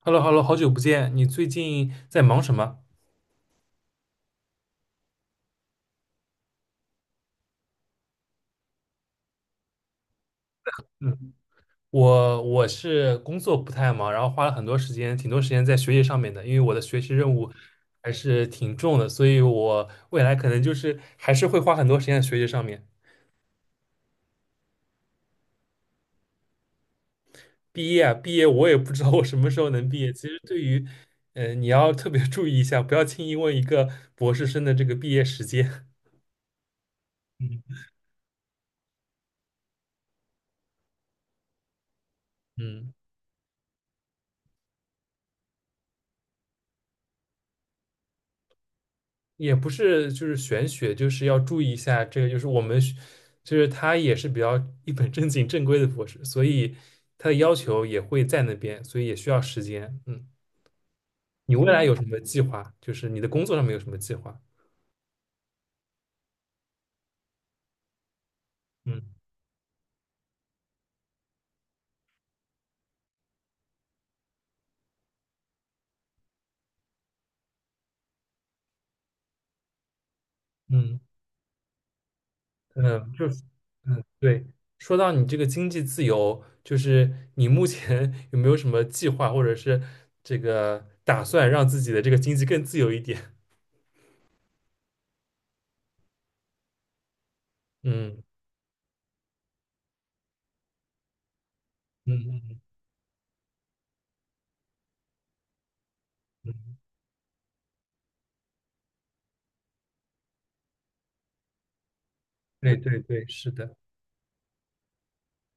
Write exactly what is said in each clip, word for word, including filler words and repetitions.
h e l l o h e l l o 好久不见，你最近在忙什么？嗯，我我是工作不太忙，然后花了很多时间，挺多时间在学习上面的，因为我的学习任务还是挺重的，所以我未来可能就是还是会花很多时间在学习上面。毕业啊，毕业我也不知道我什么时候能毕业。其实对于，呃，你要特别注意一下，不要轻易问一个博士生的这个毕业时间。嗯嗯。也不是就是玄学，就是要注意一下这个，就是我们学就是他也是比较一本正经正规的博士，所以他的要求也会在那边，所以也需要时间。嗯，你未来有什么计划？就是你的工作上面有什么计划？嗯嗯嗯，就是嗯对。说到你这个经济自由，就是你目前 有没有什么计划，或者是这个打算让自己的这个经济更自由一点？嗯嗯嗯嗯，对对对，是的。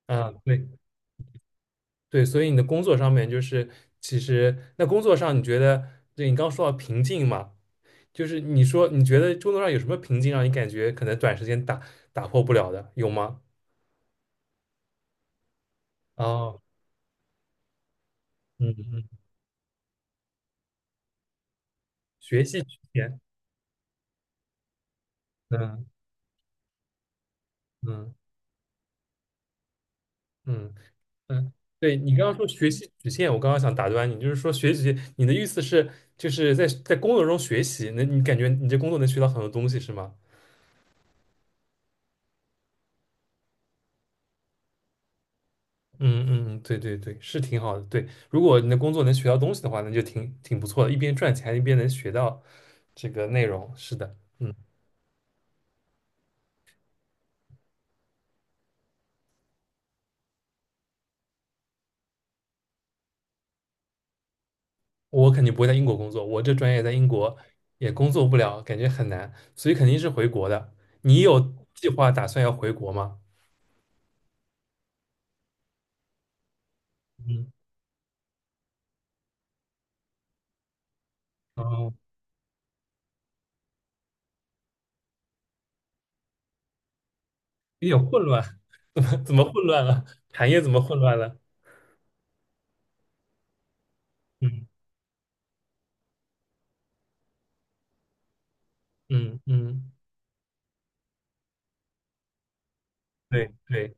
啊，对，对，所以你的工作上面就是，其实那工作上你觉得，对你刚说到瓶颈嘛，就是你说你觉得工作上有什么瓶颈让你感觉可能短时间打打破不了的，有吗？哦，嗯嗯，学习曲线，嗯嗯嗯嗯，对你刚刚说学习曲线，我刚刚想打断你，就是说学习，你的意思是就是在在工作中学习，那你感觉你这工作能学到很多东西是吗？嗯嗯，对对对，是挺好的。对，如果你的工作能学到东西的话，那就挺挺不错的，一边赚钱一边能学到这个内容。是的，嗯，我肯定不会在英国工作，我这专业在英国也工作不了，感觉很难，所以肯定是回国的。你有计划打算要回国吗？嗯，哦，有点混乱，怎么怎么混乱了？产业怎么混乱了？嗯嗯嗯，对对。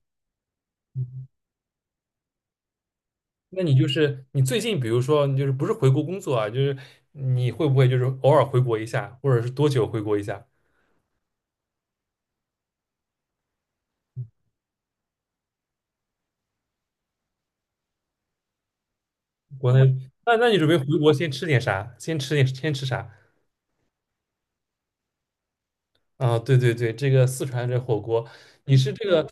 那你就是你最近，比如说，你就是不是回国工作啊，就是你会不会就是偶尔回国一下，或者是多久回国一下？国内，那那你准备回国先吃点啥？先吃点，先吃啥？啊，对对对，这个四川这火锅，你是这个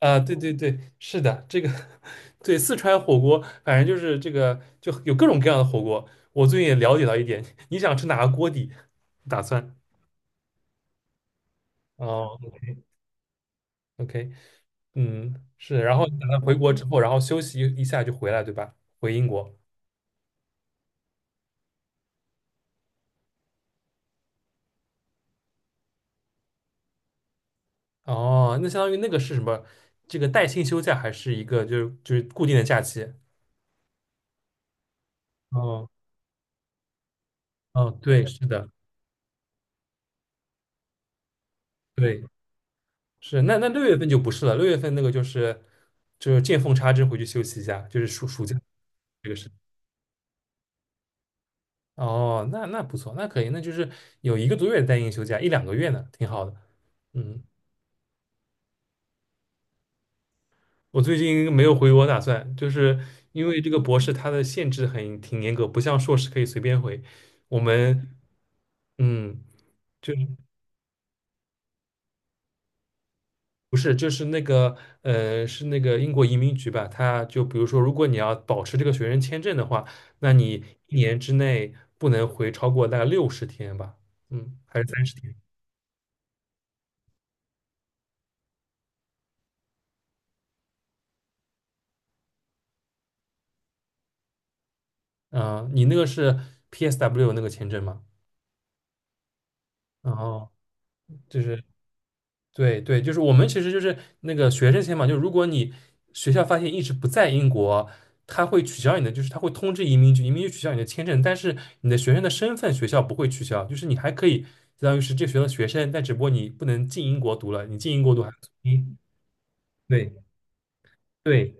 啊，对对对，是的，这个 对四川火锅，反正就是这个就有各种各样的火锅。我最近也了解到一点，你想吃哪个锅底？打算哦，OK。嗯，是，然后等他回国之后，然后休息一下就回来，对吧？回英国。哦，那相当于那个是什么？这个带薪休假还是一个就是就是固定的假期？哦哦，对，是的，对，是。那那六月份就不是了，六月份那个就是就是见缝插针回去休息一下，就是暑暑假这个是。哦，那那不错，那可以，那就是有一个多月的带薪休假，一两个月呢，挺好的。嗯。我最近没有回国打算，就是因为这个博士它的限制很挺严格，不像硕士可以随便回。我们嗯，就不是就是那个呃，是那个英国移民局吧，他就比如说，如果你要保持这个学生签证的话，那你一年之内不能回超过大概六十天吧，嗯，还是三十天啊？你那个是 P S W 那个签证吗？哦。对对，就是我们其实就是那个学生签嘛，就如果你学校发现一直不在英国，他会取消你的，就是他会通知移民局，移民局取消你的签证，但是你的学生的身份学校不会取消，就是你还可以相当于是这个学校的学生，但只不过你不能进英国读了，你进英国读还嗯，对对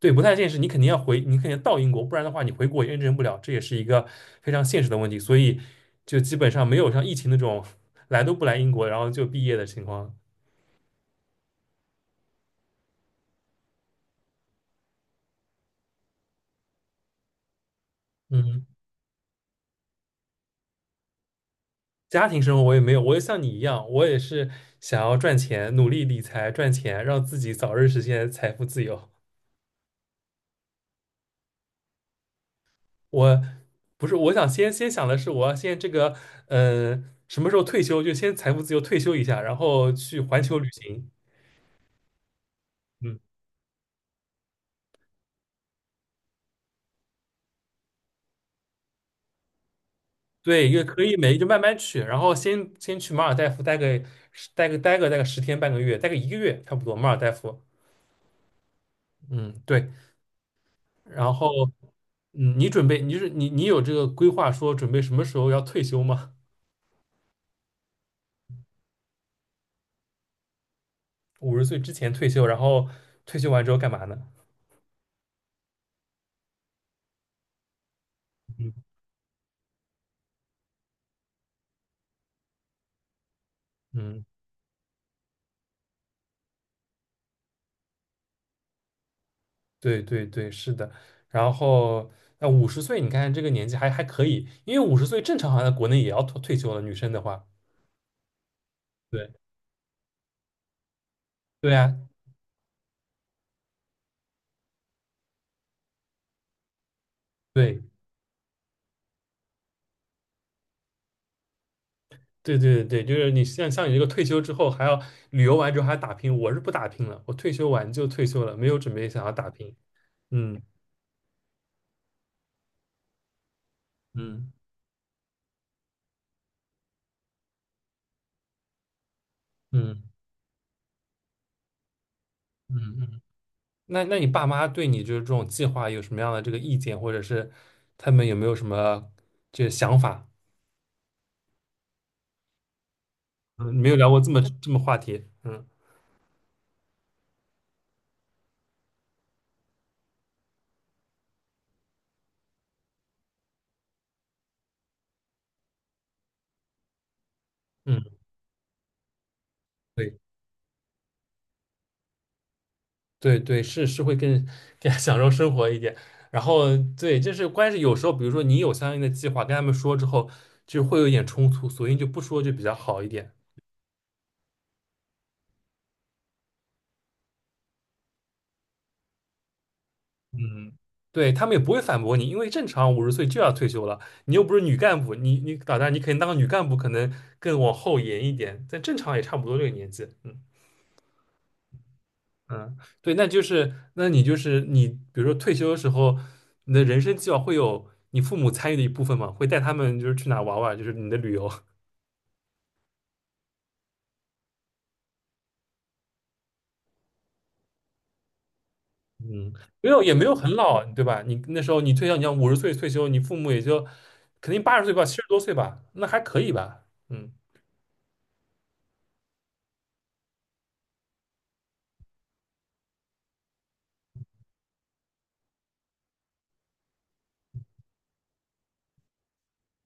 对，不太现实，你肯定要回，你肯定要到英国，不然的话你回国也认证不了，这也是一个非常现实的问题，所以就基本上没有像疫情那种 来都不来英国，然后就毕业的情况，嗯。家庭生活我也没有，我也像你一样，我也是想要赚钱，努力理财赚钱，让自己早日实现财富自由。我不是，我想先先想的是，我要先这个，呃，什么时候退休就先财富自由退休一下，然后去环球旅行。嗯，对，也可以没就慢慢去，然后先先去马尔代夫待个待个待个待个十天半个月，待个一个月差不多，马尔代夫。嗯，对，然后嗯，你准备你是你你有这个规划说准备什么时候要退休吗？五十岁之前退休，然后退休完之后干嘛呢？嗯，嗯，对对对，是的。然后那五十岁，你看这个年纪还还可以，因为五十岁正常好像在国内也要退退休了，女生的话。对对啊，对对对对，就是你像像你这个退休之后还要旅游完之后还要打拼，我是不打拼了，我退休完就退休了，没有准备想要打拼。嗯嗯嗯嗯嗯嗯。那那你爸妈对你就是这种计划有什么样的这个意见，或者是他们有没有什么这个想法？嗯，没有聊过这么这么话题。嗯嗯，对对对，是是会更更享受生活一点。然后对，就是关键是有时候，比如说你有相应的计划，跟他们说之后，就会有一点冲突，索性就不说就比较好一点。嗯，对，他们也不会反驳你，因为正常五十岁就要退休了，你又不是女干部，你你打算你肯定当个女干部可能更往后延一点，但正常也差不多这个年纪，嗯嗯，对，那就是那你就是你，比如说退休的时候，你的人生计划会有你父母参与的一部分嘛，会带他们就是去哪玩玩，就是你的旅游，嗯，没有也没有很老，对吧？你那时候你退休，你要五十岁退休，你父母也就肯定八十岁吧，七十多岁吧，那还可以吧，嗯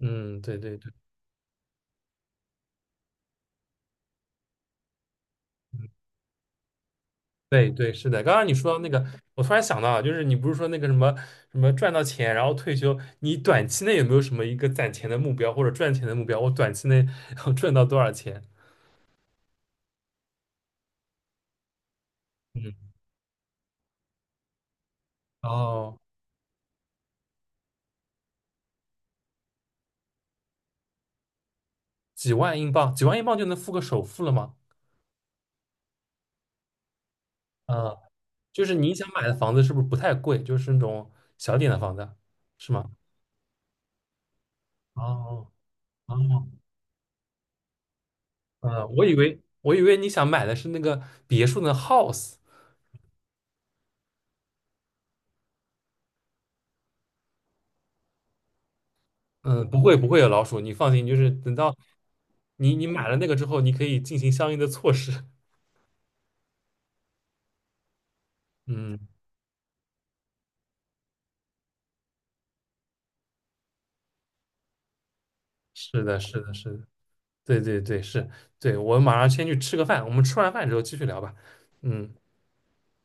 嗯，对对对。对对，是的。刚刚你说到那个，我突然想到啊就是你不是说那个什么什么赚到钱，然后退休，你短期内有没有什么一个攒钱的目标或者赚钱的目标？我短期内要 赚到多少钱？嗯，哦，几万英镑，几万英镑就能付个首付了吗？啊，就是你想买的房子是不是不太贵？就是那种小点的房子，是吗？哦哦，嗯，我以为我以为你想买的是那个别墅的 house。嗯，不会不会有老鼠，你放心，就是等到你你买了那个之后，你可以进行相应的措施。嗯，是的，是的，是的，对对对，是，对，我马上先去吃个饭，我们吃完饭之后继续聊吧。嗯。